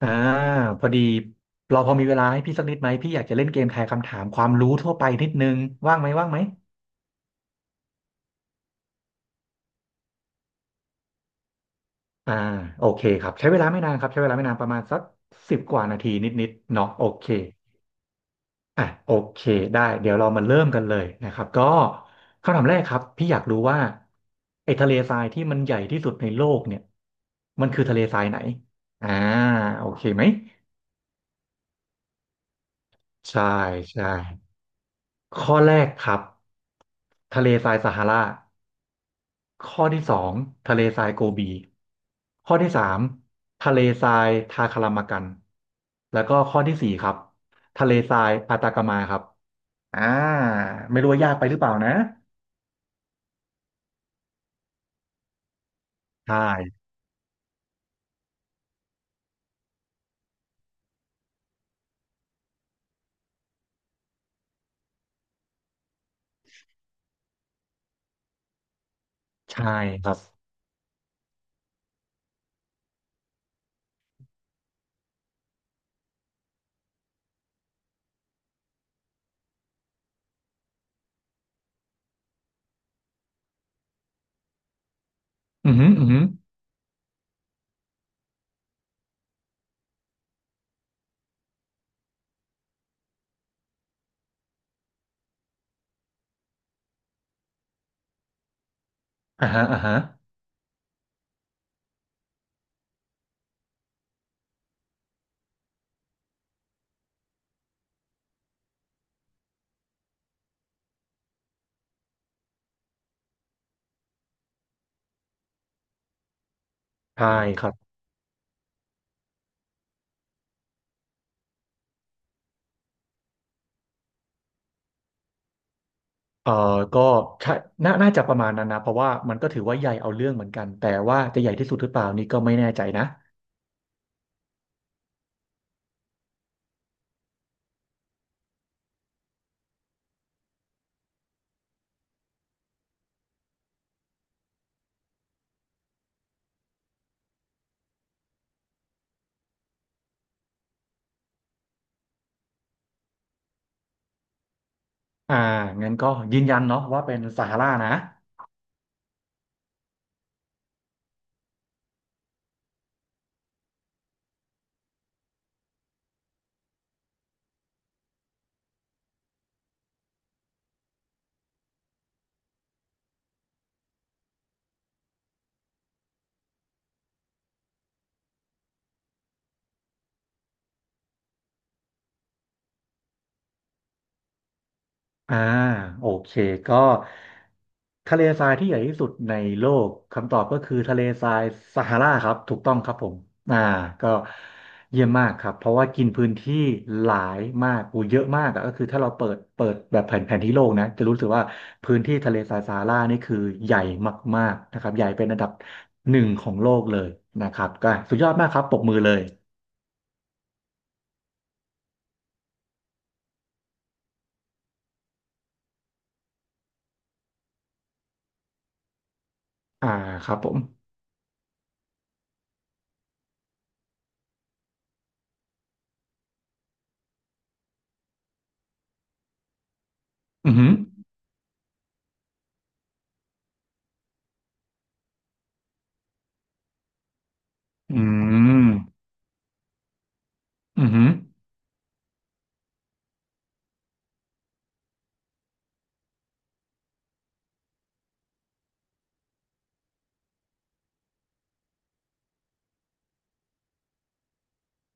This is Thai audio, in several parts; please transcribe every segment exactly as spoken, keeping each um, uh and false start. อ่าพอดีเราพอมีเวลาให้พี่สักนิดไหมพี่อยากจะเล่นเกมทายคำถามความรู้ทั่วไปนิดนึงว่างไหมว่างไหมอ่าโอเคครับใช้เวลาไม่นานครับใช้เวลาไม่นานประมาณสักสิบกว่านาทีนิดๆเนาะโอเคอ่ะโอเคได้เดี๋ยวเรามาเริ่มกันเลยนะครับก็คำถามแรกครับพี่อยากรู้ว่าไอ้ทะเลทรายที่มันใหญ่ที่สุดในโลกเนี่ยมันคือทะเลทรายไหนอ่าโอเคไหมใช่ใช่ข้อแรกครับทะเลทรายซาฮารา ข้อที่สองทะเลทรายโกบีข้อที่สามทะเลทรายทาคารามากันแล้วก็ข้อที่สี่ครับทะเลทรายอาตากามาครับอ่าไม่รู้ว่ายากไปหรือเปล่านะใช่ใช่ครับอือหืออือหืออ่าฮะอ่าฮะใช่ครับเอ่อก็ใช่น่าน่าจะประมาณนั้นนะเพราะว่ามันก็ถือว่าใหญ่เอาเรื่องเหมือนกันแต่ว่าจะใหญ่ที่สุดหรือเปล่านี่ก็ไม่แน่ใจนะอ่างั้นก็ยืนยันเนาะว่าเป็นซาฮารานะ อ่าโอเคก็ทะเลทรายที่ใหญ่ที่สุดในโลกคำตอบก็คือทะเลทรายซาฮาราครับถูกต้องครับผมอ่าก็เยี่ยมมากครับเพราะว่ากินพื้นที่หลายมากอูเยอะมากอะก็คือถ้าเราเปิดเปิดแบบแผนแผนที่โลกนะจะรู้สึกว่าพื้นที่ทะเลทรายซาฮารานี่คือใหญ่มากๆนะครับใหญ่เป็นอันดับหนึ่งของโลกเลยนะครับก็สุดยอดมากครับปรบมือเลยอ่าครับผมอือหืออืมอือหือ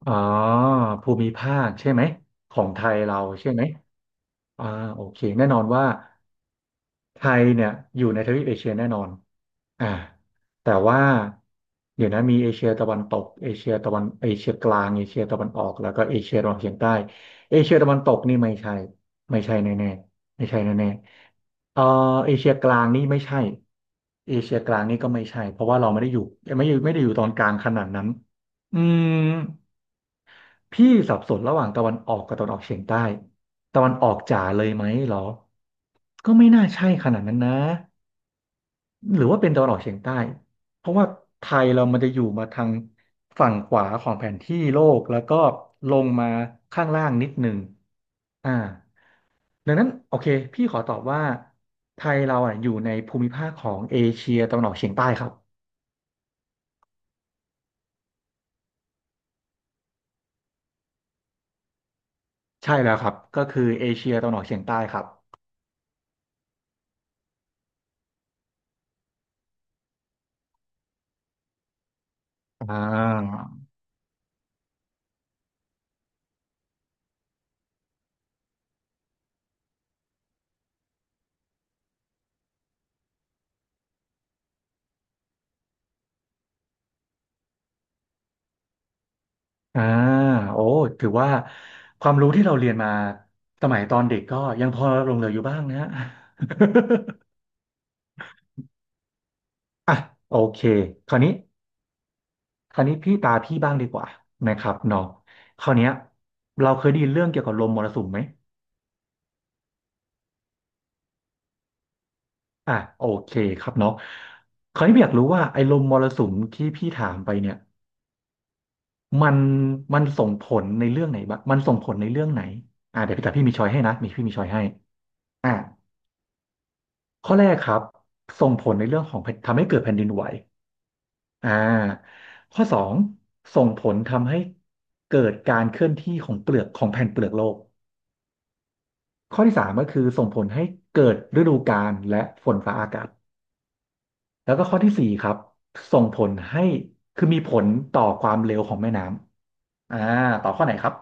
อ๋อภูมิภาคใช่ไหมของไทยเราใช่ไหมอ่าโอเคแน่นอนว่าไทยเนี่ยอยู่ในทวีปเอเชียแน่นอนอ่าแต่ว่าเดี๋ยวนะมีเอเชียตะวันตกเอเชียตะวันเอเชียกลางเอเชียตะวันออกแล้วก็เอเชียตะวันออกเฉียงใต้เอเชียตะวันตกนี่ไม่ใช่ไม่ใช่แน่ๆไม่ใช่แน่ๆเออเอเชียกลางนี่ไม่ใช่เอเชียกลางนี่ก็ไม่ใช่เพราะว่าเราไม่ได้อยู่ไม่ได้อยู่ไม่ได้อยู่ตอนกลางขนาดนั้นอืม พี่สับสนระหว่างตะวันออกกับตะวันออกเฉียงใต้ตะวันออกจ๋าเลยไหมเหรอก็ไม่น่าใช่ขนาดนั้นนะหรือว่าเป็นตะวันออกเฉียงใต้เพราะว่าไทยเรามันจะอยู่มาทางฝั่งขวาของแผนที่โลกแล้วก็ลงมาข้างล่างนิดหนึ่งอ่าดังนั้นโอเคพี่ขอตอบว่าไทยเราอ่ะอยู่ในภูมิภาคของเอเชียตะวันออกเฉียงใต้ครับใช่แล้วครับก็คือเอเชียตะวันออกเฉียงใต้ครับอ่า อ่าโอ้ถือว่าความรู้ที่เราเรียนมาสมัยตอนเด็กก็ยังพอหลงเหลืออยู่บ้างนะ ฮะอ่ะโอเคคราวนี้คราวนี้พี่ตาพี่บ้างดีกว่านะครับเนาะคราวเนี้ยเราเคยได้ยินเรื่องเกี่ยวกับลมมรสุมไหมอ่ะโอเคครับเนาะคราวนี้พี่อยากรู้ว่าไอ้ลมมรสุมที่พี่ถามไปเนี่ยมันมันส่งผลในเรื่องไหนบ้างมันส่งผลในเรื่องไหนอ่ะเดี๋ยวพี่แตาพี่มีช้อยให้นะมีพี่มีช้อยให้อ่ะ ข้อแรกครับส่งผลในเรื่องของแผ่นทำให้เกิดแผ่นดินไหวอ่าข้อสองส่งผลทำให้เกิดการเคลื่อนที่ของเปลือกของแผ่นเปลือกโลกข้อที่สามก็คือส่งผลให้เกิดฤดูกาลและฝนฟ้าอากาศแล้วก็ข้อที่สี่ครับส่งผลให้คือมีผลต่อความเร็วของแม่น้ำอ่าต่อข้อไหนครับ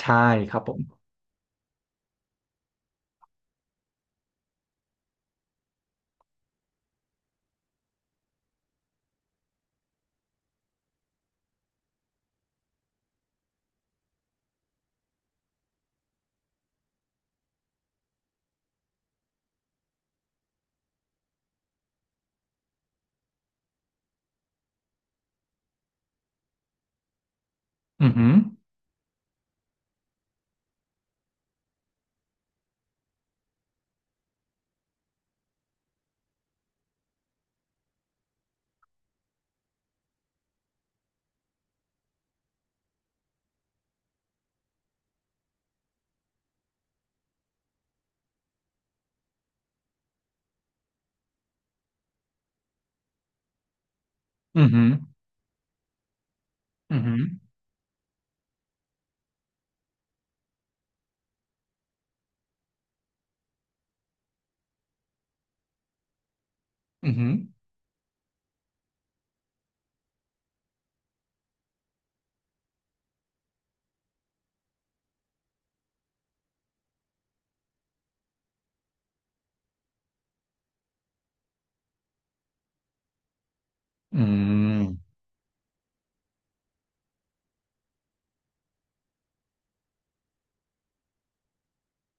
ใช่ครับผมอือหืออือหืออือหืออือหืออืม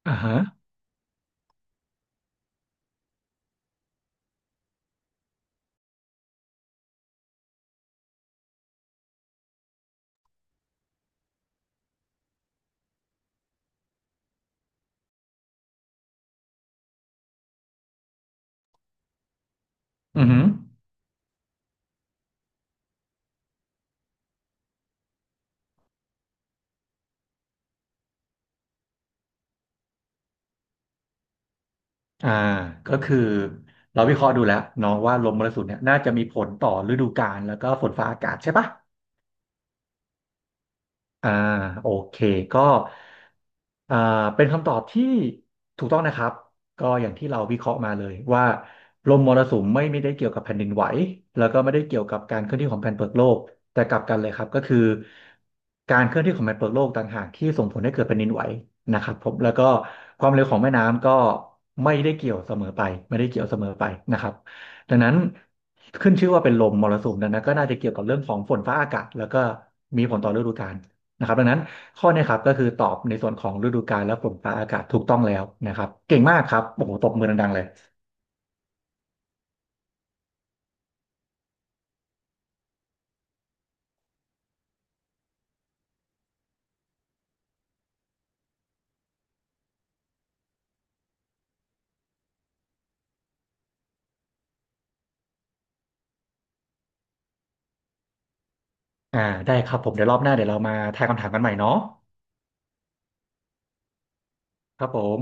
อ่าฮะอือหือ อ่าก็คือเราวิเคราะห์ดูแล้วเนาะว่าลมมรสุมเนี่ยน่าจะมีผลต่อฤดูกาลแล้วก็ฝนฟ้าอากาศใช่ปะ อ่าโอเคก็อ่าเป็นคำตอบที่ถูกต้องนะครับก็อย่างที่เราวิเคราะห์มาเลยว่าลมมรสุมไม่ไม่ได้เกี่ยวกับแผ่นดินไหวแล้วก็ไม่ได้เกี่ยวกับการเคลื่อนที่ของแผ่นเปลือกโลกแต่กลับกันเลยครับก็คือการเคลื่อนที่ของแผ่นเปลือกโลกต่างหากที่ส่งผลให้เกิดแผ่นดินไหวนะครับผมแล้วก็ความเร็วของแม่น้ำก็ไม่ได้เกี่ยวเสมอไปไม่ได้เกี่ยวเสมอไปนะครับดังนั้นขึ้นชื่อว่าเป็นลมมรสุมดังนั้นก็น่าจะเกี่ยวกับเรื่องของฝนฟ้าอากาศแล้วก็มีผลต่อฤดูกาล นะครับดังนั้นข้อเนี้ครับก็คือตอบในส่วนของฤดูกาลและฝนฟ้าอากาศถูกต้องแล้วนะครับเก่งมากครับโอ้โหตบมือดังๆเลยอ่าได้ครับผมเดี๋ยวรอบหน้าเดี๋ยวเรามาทายคำถามกันใหม่เนาะครับผม